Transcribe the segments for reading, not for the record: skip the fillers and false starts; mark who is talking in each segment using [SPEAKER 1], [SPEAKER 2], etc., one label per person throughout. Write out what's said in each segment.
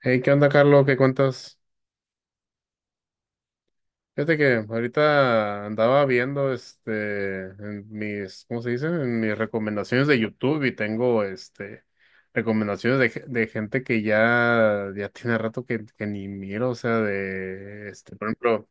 [SPEAKER 1] Hey, ¿qué onda, Carlos? ¿Qué cuentas? Fíjate que ahorita andaba viendo en mis, ¿cómo se dice? En mis recomendaciones de YouTube y tengo este recomendaciones de, de gente que ya tiene rato que ni miro, o sea, por ejemplo,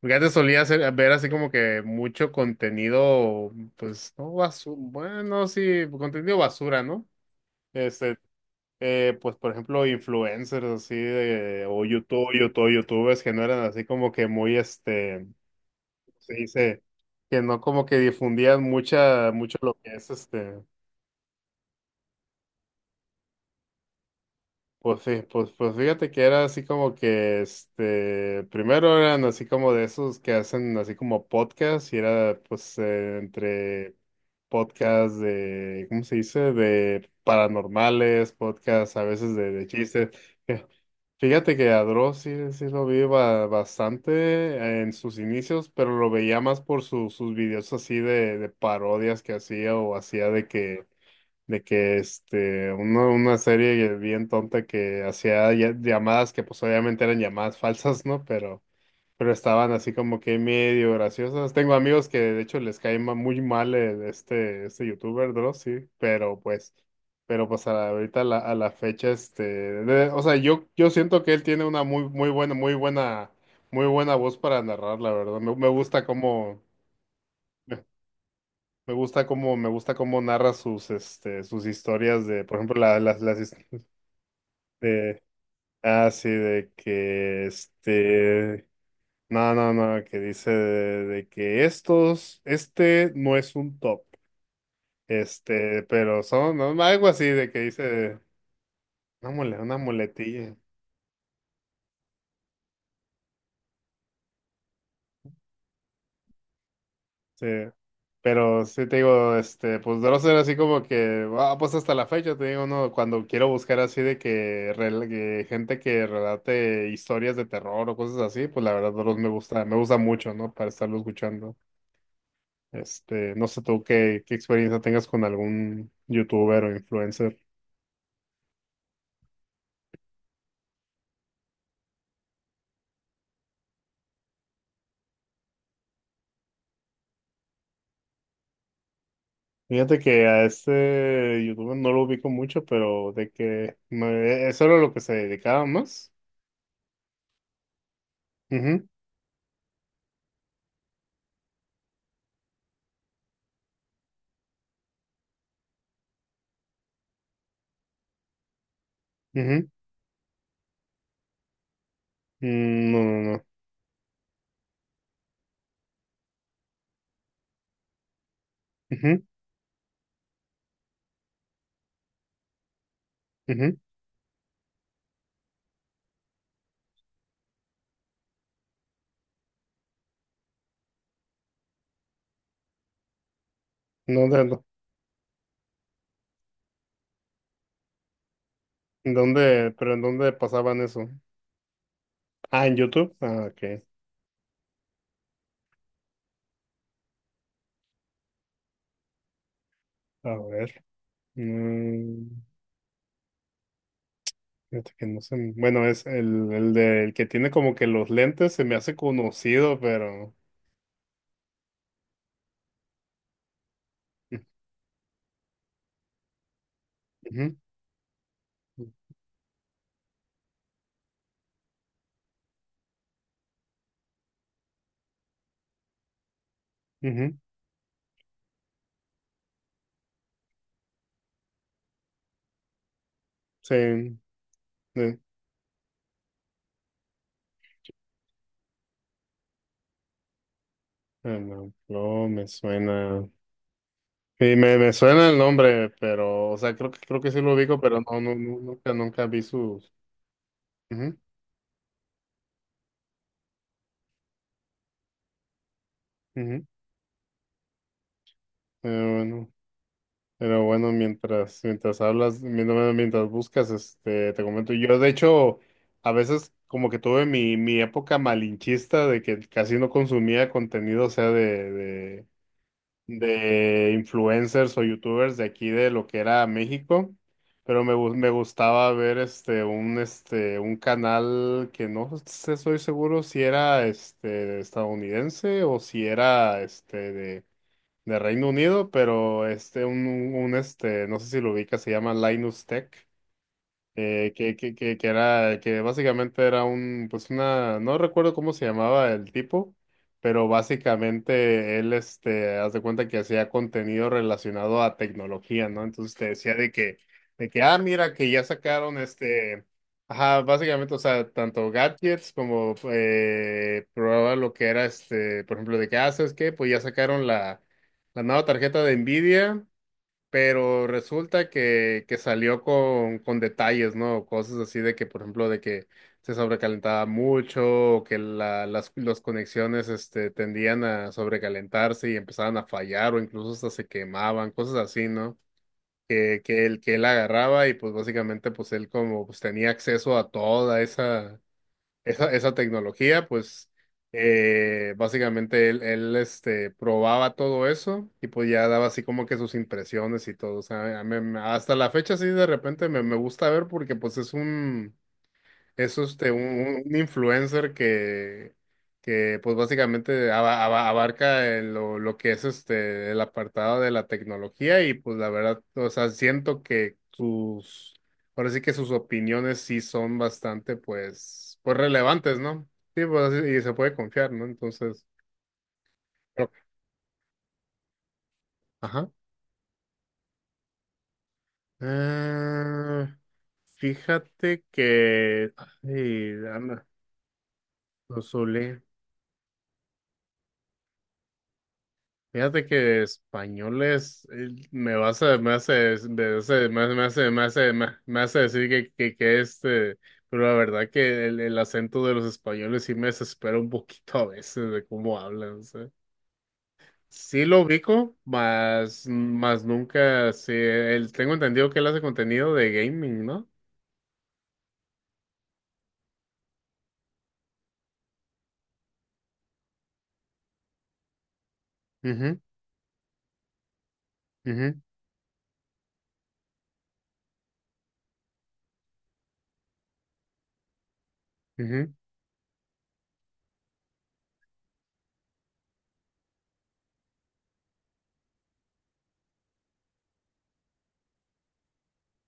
[SPEAKER 1] porque antes solía ver así como que mucho contenido, pues, no basura, bueno, sí, contenido basura, ¿no? Este, pues por ejemplo, influencers así de, o YouTubers que no eran así como que muy, ¿cómo se dice, que no como que difundían mucho lo que es pues sí, pues fíjate que era así como que, primero eran así como de esos que hacen así como podcast y era pues entre podcast de, ¿cómo se dice? De paranormales, podcast a veces de chistes. Fíjate que a Dross sí, sí lo vi bastante en sus inicios, pero lo veía más por sus videos así de parodias que hacía o hacía de que, una serie bien tonta que hacía llamadas que pues obviamente eran llamadas falsas, ¿no? Pero estaban así como que medio graciosos. Tengo amigos que de hecho les cae muy mal este youtuber Dross, sí, pero pues ahorita a la fecha, o sea, yo siento que él tiene una muy, muy buena voz para narrar, la verdad. Me gusta me, me gusta me gusta cómo narra sus, sus historias de, por ejemplo, de, ah, sí, no, no, no, que dice de que este no es un top, pero son, ¿no? Algo así de que dice una muletilla, sí, pero sí te digo, pues de no ser así como que, ah, pues hasta la fecha te digo, no, cuando quiero buscar así de que, que gente que relate historias de terror o cosas así, pues la verdad Dross me gusta mucho, ¿no? Para estarlo escuchando, no sé tú qué experiencia tengas con algún youtuber o influencer. Fíjate que a este youtuber no lo ubico mucho, pero eso era lo que se dedicaba más. Ujú, ujú. Mm, no, no, no. Ujú, ujú. ¿Dónde, no? ¿En dónde, pero en dónde pasaban eso? Ah, en YouTube. Ah, ok. A ver. Mm, fíjate que no sé. Bueno, es el que tiene como que los lentes, se me hace conocido, pero. Ujú, ujú. Sí. Sí. Ah, no, no me suena. Sí, me suena el nombre, pero, o sea, creo que sí lo ubico, pero no, no, no, nunca, nunca vi sus. Ujú, ujú. Pero bueno, pero bueno, mientras hablas, mientras buscas, te comento. Yo, de hecho, a veces como que tuve mi época malinchista de que casi no consumía contenido, o sea, de influencers o youtubers de aquí de lo que era México, pero me gustaba ver un canal que no sé, soy seguro si era este estadounidense o si era de Reino Unido, pero este un este no sé si lo ubica, se llama Linus Tech. Que era, que básicamente era un, pues una, no recuerdo cómo se llamaba el tipo, pero básicamente él, haz de cuenta que hacía contenido relacionado a tecnología, ¿no? Entonces te decía de que, ah, mira, que ya sacaron ajá, básicamente, o sea, tanto gadgets como, probaba lo que era por ejemplo, de que, ah, ¿sabes qué? Pues ya sacaron la nueva tarjeta de Nvidia. Pero resulta que salió con detalles, ¿no? Cosas así de que, por ejemplo, de que se sobrecalentaba mucho, o que la, las los conexiones tendían a sobrecalentarse y empezaban a fallar, o incluso hasta se quemaban, cosas así, ¿no? Que él agarraba y pues básicamente pues él como pues tenía acceso a toda esa tecnología, pues él probaba todo eso y pues ya daba así como que sus impresiones y todo. O sea, hasta la fecha sí de repente me gusta ver porque pues es un... Es influencer que pues básicamente abarca lo que es este el apartado de la tecnología y pues la verdad, o sea, siento que sus, ahora sí que sus opiniones sí son bastante pues, pues relevantes, ¿no? Sí, pues así- y se puede confiar, ¿no? Entonces, pero- ajá. Ah, fíjate que, ay, anda, lo solé. Fíjate que españoles me vas a me hace me hace me hace me hace me hace, me- me hace decir que este pero la verdad que el acento de los españoles sí me desespera un poquito a veces de cómo hablan, o sea. Sí lo ubico, más más nunca sí él tengo entendido que él hace contenido de gaming, ¿no? Mhm, mhm,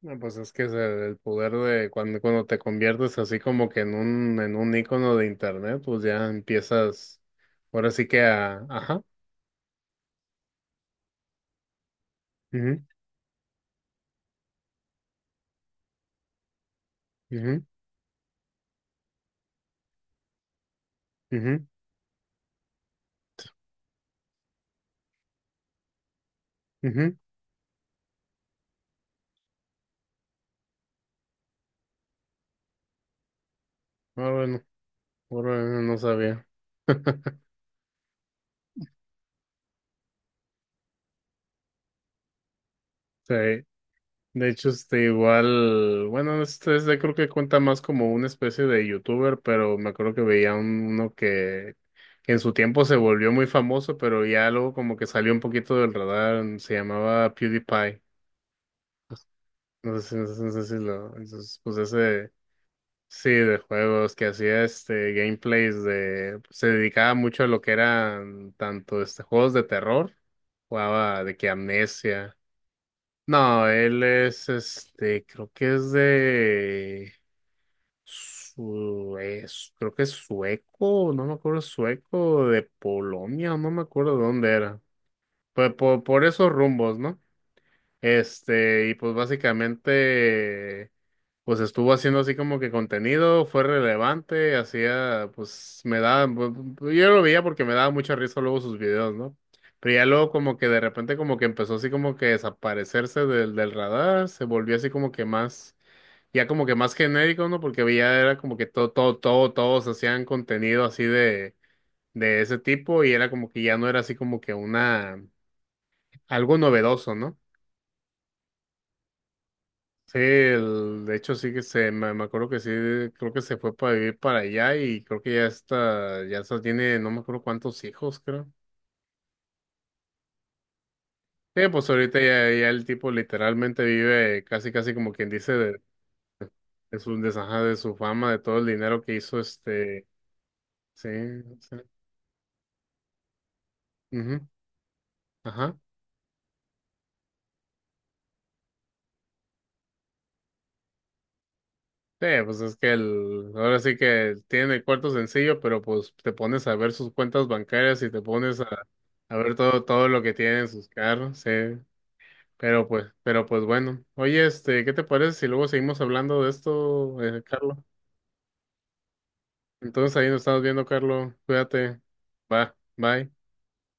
[SPEAKER 1] no, pues es que es el poder de cuando te conviertes así como que en en un ícono de internet, pues ya empiezas, ahora sí que a, ajá, mhm, mhm, mhm, mhm. Ah, bueno, bueno, no sabía. Sí, de hecho, este igual, bueno, este creo que cuenta más como una especie de youtuber, pero me acuerdo que veía uno que en su tiempo se volvió muy famoso, pero ya luego como que salió un poquito del radar, se llamaba PewDiePie. No sé, no sé, no sé si lo, esos, pues ese, sí, de juegos que hacía este gameplays de, pues, se dedicaba mucho a lo que eran tanto este juegos de terror, jugaba de que Amnesia. No, él es creo que es de Suez, creo que es sueco, no me acuerdo, sueco de Polonia, no me acuerdo de dónde era. Pues por esos rumbos, ¿no? Este, y pues básicamente, pues estuvo haciendo así como que contenido, fue relevante, hacía, pues me daba, pues, yo lo veía porque me daba mucha risa luego sus videos, ¿no? Pero ya luego como que de repente como que empezó así como que desaparecerse del radar, se volvió así como que más, ya como que más genérico, ¿no? Porque ya era como que todo, todos hacían contenido así de ese tipo y era como que ya no era así como que una, algo novedoso, ¿no? Sí, de hecho sí que se, me acuerdo que sí, creo que se fue para vivir para allá y creo que ya está, tiene, no me acuerdo cuántos hijos, creo. Sí, pues ahorita ya, ya el tipo literalmente vive casi, casi como quien dice de, su ajá, de su fama, de todo el dinero que hizo este, sí, sí, ujú, ajá. Sí, pues es que el, ahora sí que tiene el cuarto sencillo, pero pues te pones a ver sus cuentas bancarias y te pones a ver todo, todo lo que tiene en sus carros, sí. Pero pues bueno. Oye, este, ¿qué te parece si luego seguimos hablando de esto, Carlos? Entonces ahí nos estamos viendo, Carlos. Cuídate. Va, bye.